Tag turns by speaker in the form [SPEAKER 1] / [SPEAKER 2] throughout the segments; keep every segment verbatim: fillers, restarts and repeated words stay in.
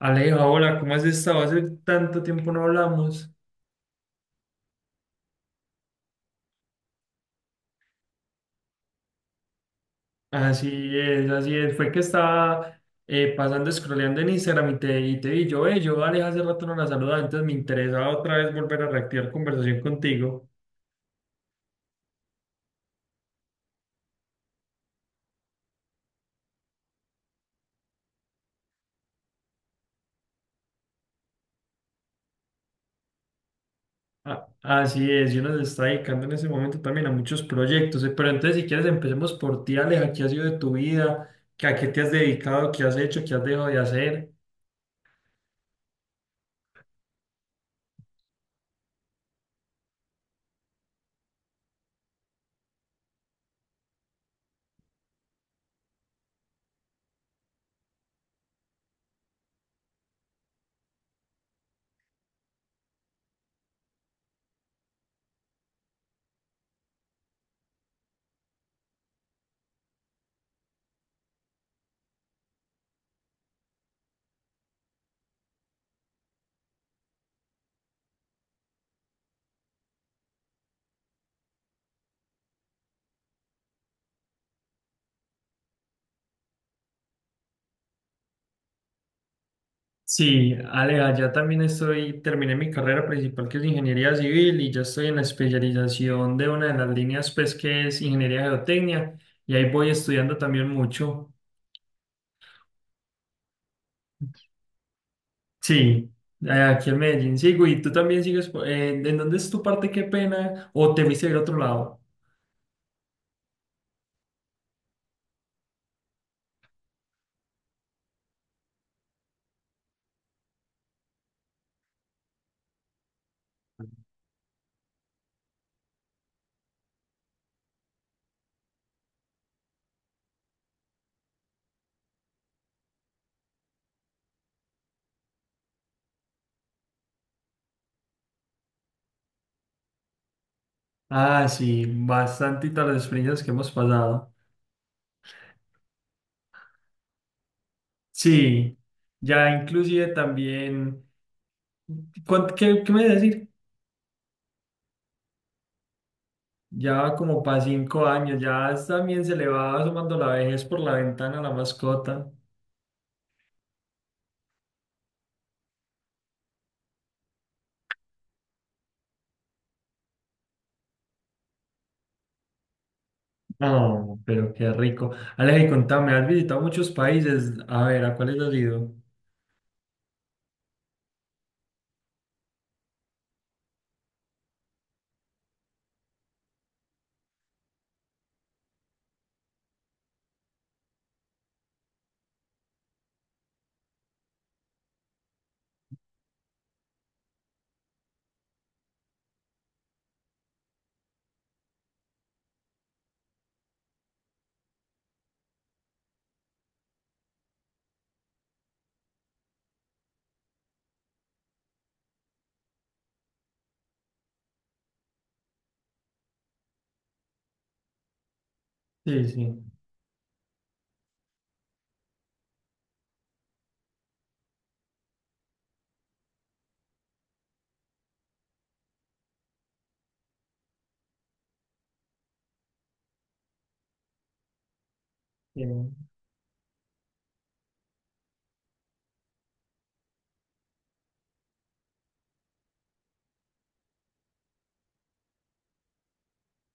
[SPEAKER 1] Aleja, hola, ¿cómo has estado? Hace tanto tiempo no hablamos. Así es, así es. Fue que estaba eh, pasando, scrolleando en Instagram y te, y te vi. Yo, eh, yo, Aleja, hace rato no la saludaba, entonces me interesaba otra vez volver a reactivar conversación contigo. A- así es, yo nos está dedicando en ese momento también a muchos proyectos. eh, Pero entonces, si quieres, empecemos por ti, Aleja. ¿Qué ha sido de tu vida? ¿Qué- ¿A qué te has dedicado? ¿Qué has hecho? ¿Qué has dejado de hacer? Sí, Alea, ya también estoy, terminé mi carrera principal que es ingeniería civil y ya estoy en la especialización de una de las líneas pues que es ingeniería geotecnia y ahí voy estudiando también mucho. Sí, eh, aquí en Medellín sigo y tú también sigues, po- eh, ¿en dónde es tu parte? Qué pena, o te viste del otro lado. Ah, sí, bastante las experiencias que hemos pasado. Sí, ya inclusive también, ¿cuán- ¿qué, qué me decir? Ya va como para cinco años, ya también se le va asomando la vejez por la ventana a la mascota. No, pero qué rico. Aleja, y contame, has visitado muchos países. A ver, ¿a cuáles has ido? Sí, sí. Sí.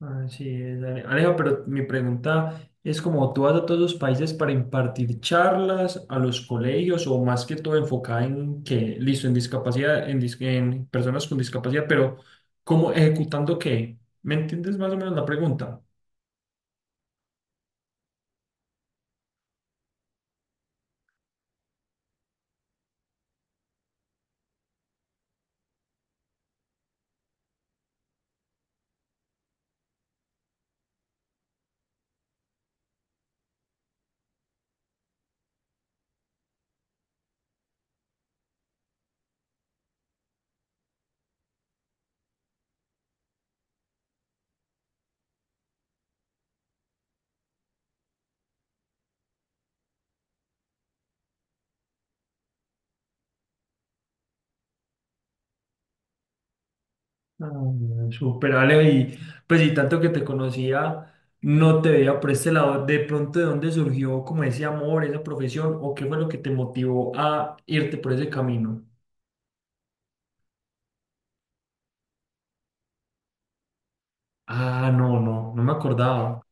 [SPEAKER 1] Así es, Ale- Aleja, pero mi pregunta es como tú vas a todos los países para impartir charlas a los colegios o más que todo enfocada en que, listo, en discapacidad, en, dis- en personas con discapacidad, pero ¿cómo ejecutando qué? ¿Me entiendes más o menos la pregunta? Mm, súper, Ale, y pues y tanto que te conocía, no te veía por este lado, de pronto de dónde surgió como ese amor, esa profesión, o qué fue lo que te motivó a irte por ese camino. Ah, no, no, no me acordaba.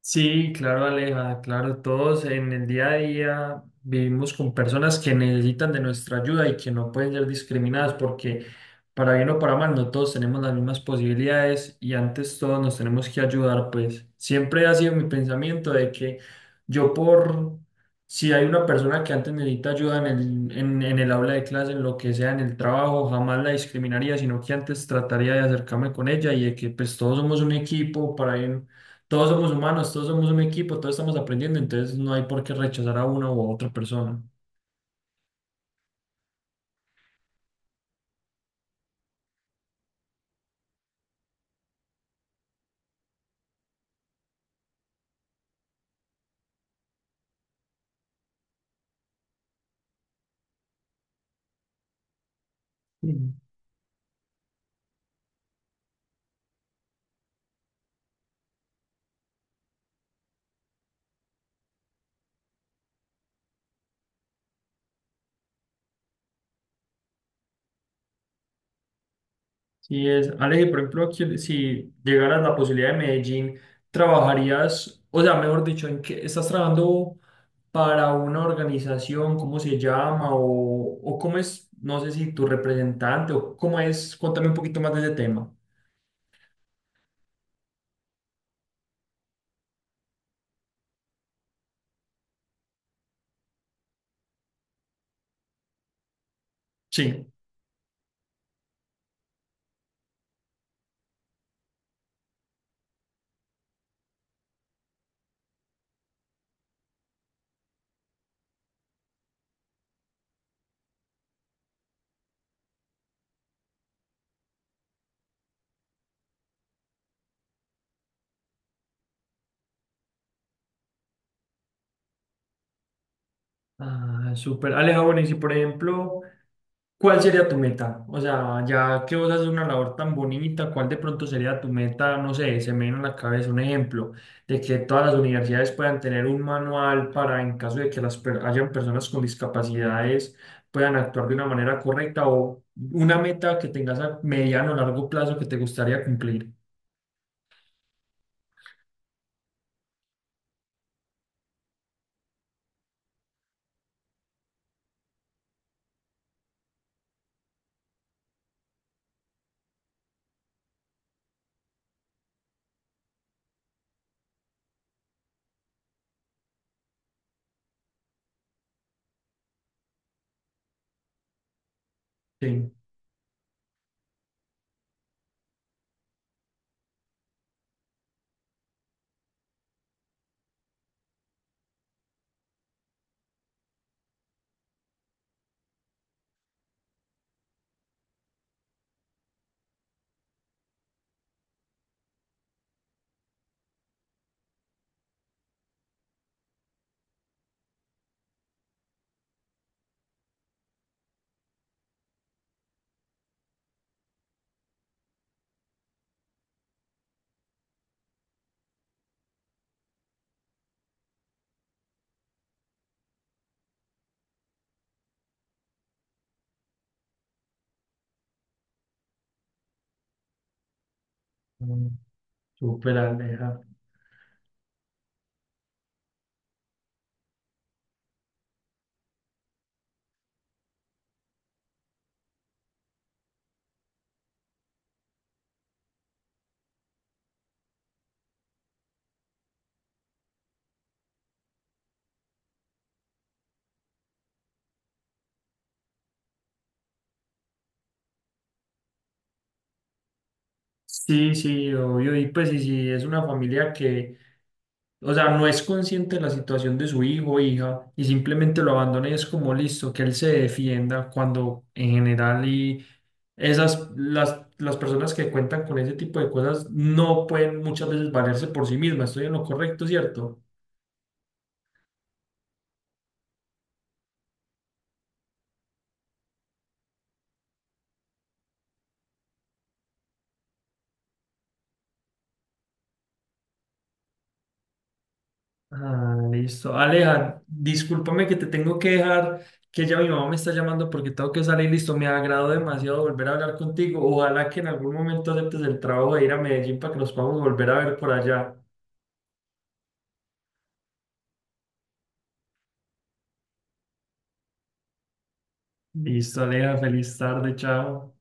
[SPEAKER 1] Sí, claro, Aleja, claro, todos en el día a día vivimos con personas que necesitan de nuestra ayuda y que no pueden ser discriminadas porque para bien o para mal no todos tenemos las mismas posibilidades y antes todos nos tenemos que ayudar, pues siempre ha sido mi pensamiento de que yo por si hay una persona que antes necesita ayuda en el, en, en el aula de clase, en lo que sea, en el trabajo, jamás la discriminaría, sino que antes trataría de acercarme con ella y de que pues todos somos un equipo para bien, todos somos humanos, todos somos un equipo, todos estamos aprendiendo, entonces no hay por qué rechazar a una u otra persona. Sí. Sí es, Ale, por ejemplo, aquí, si llegaras la posibilidad de Medellín, ¿trabajarías, o sea, mejor dicho, en qué estás trabajando para una organización, cómo se llama, o, o cómo es, no sé si tu representante, o cómo es, cuéntame un poquito más de ese tema. Sí. Ah, súper. Ale, ah, bueno, y si por ejemplo, ¿cuál sería tu meta? O sea, ya que vos haces una labor tan bonita, ¿cuál de pronto sería tu meta? No sé, se me viene a la cabeza un ejemplo de que todas las universidades puedan tener un manual para, en caso de que las per- hayan personas con discapacidades, puedan actuar de una manera correcta o una meta que tengas a mediano o largo plazo que te gustaría cumplir. Sí, mm, súper Aleja. Sí, sí, obvio. Y pues, y si es una familia que, o sea, no es consciente de la situación de su hijo o hija y simplemente lo abandona y es como listo, que él se defienda cuando en general y esas, las, las personas que cuentan con ese tipo de cosas no pueden muchas veces valerse por sí mismas. Estoy en lo correcto, ¿cierto? Ah, listo. Aleja, discúlpame que te tengo que dejar, que ya mi mamá me está llamando porque tengo que salir. Listo, me agradó demasiado volver a hablar contigo. Ojalá que en algún momento aceptes el trabajo de ir a Medellín para que nos podamos volver a ver por allá. Listo, Aleja, feliz tarde, chao.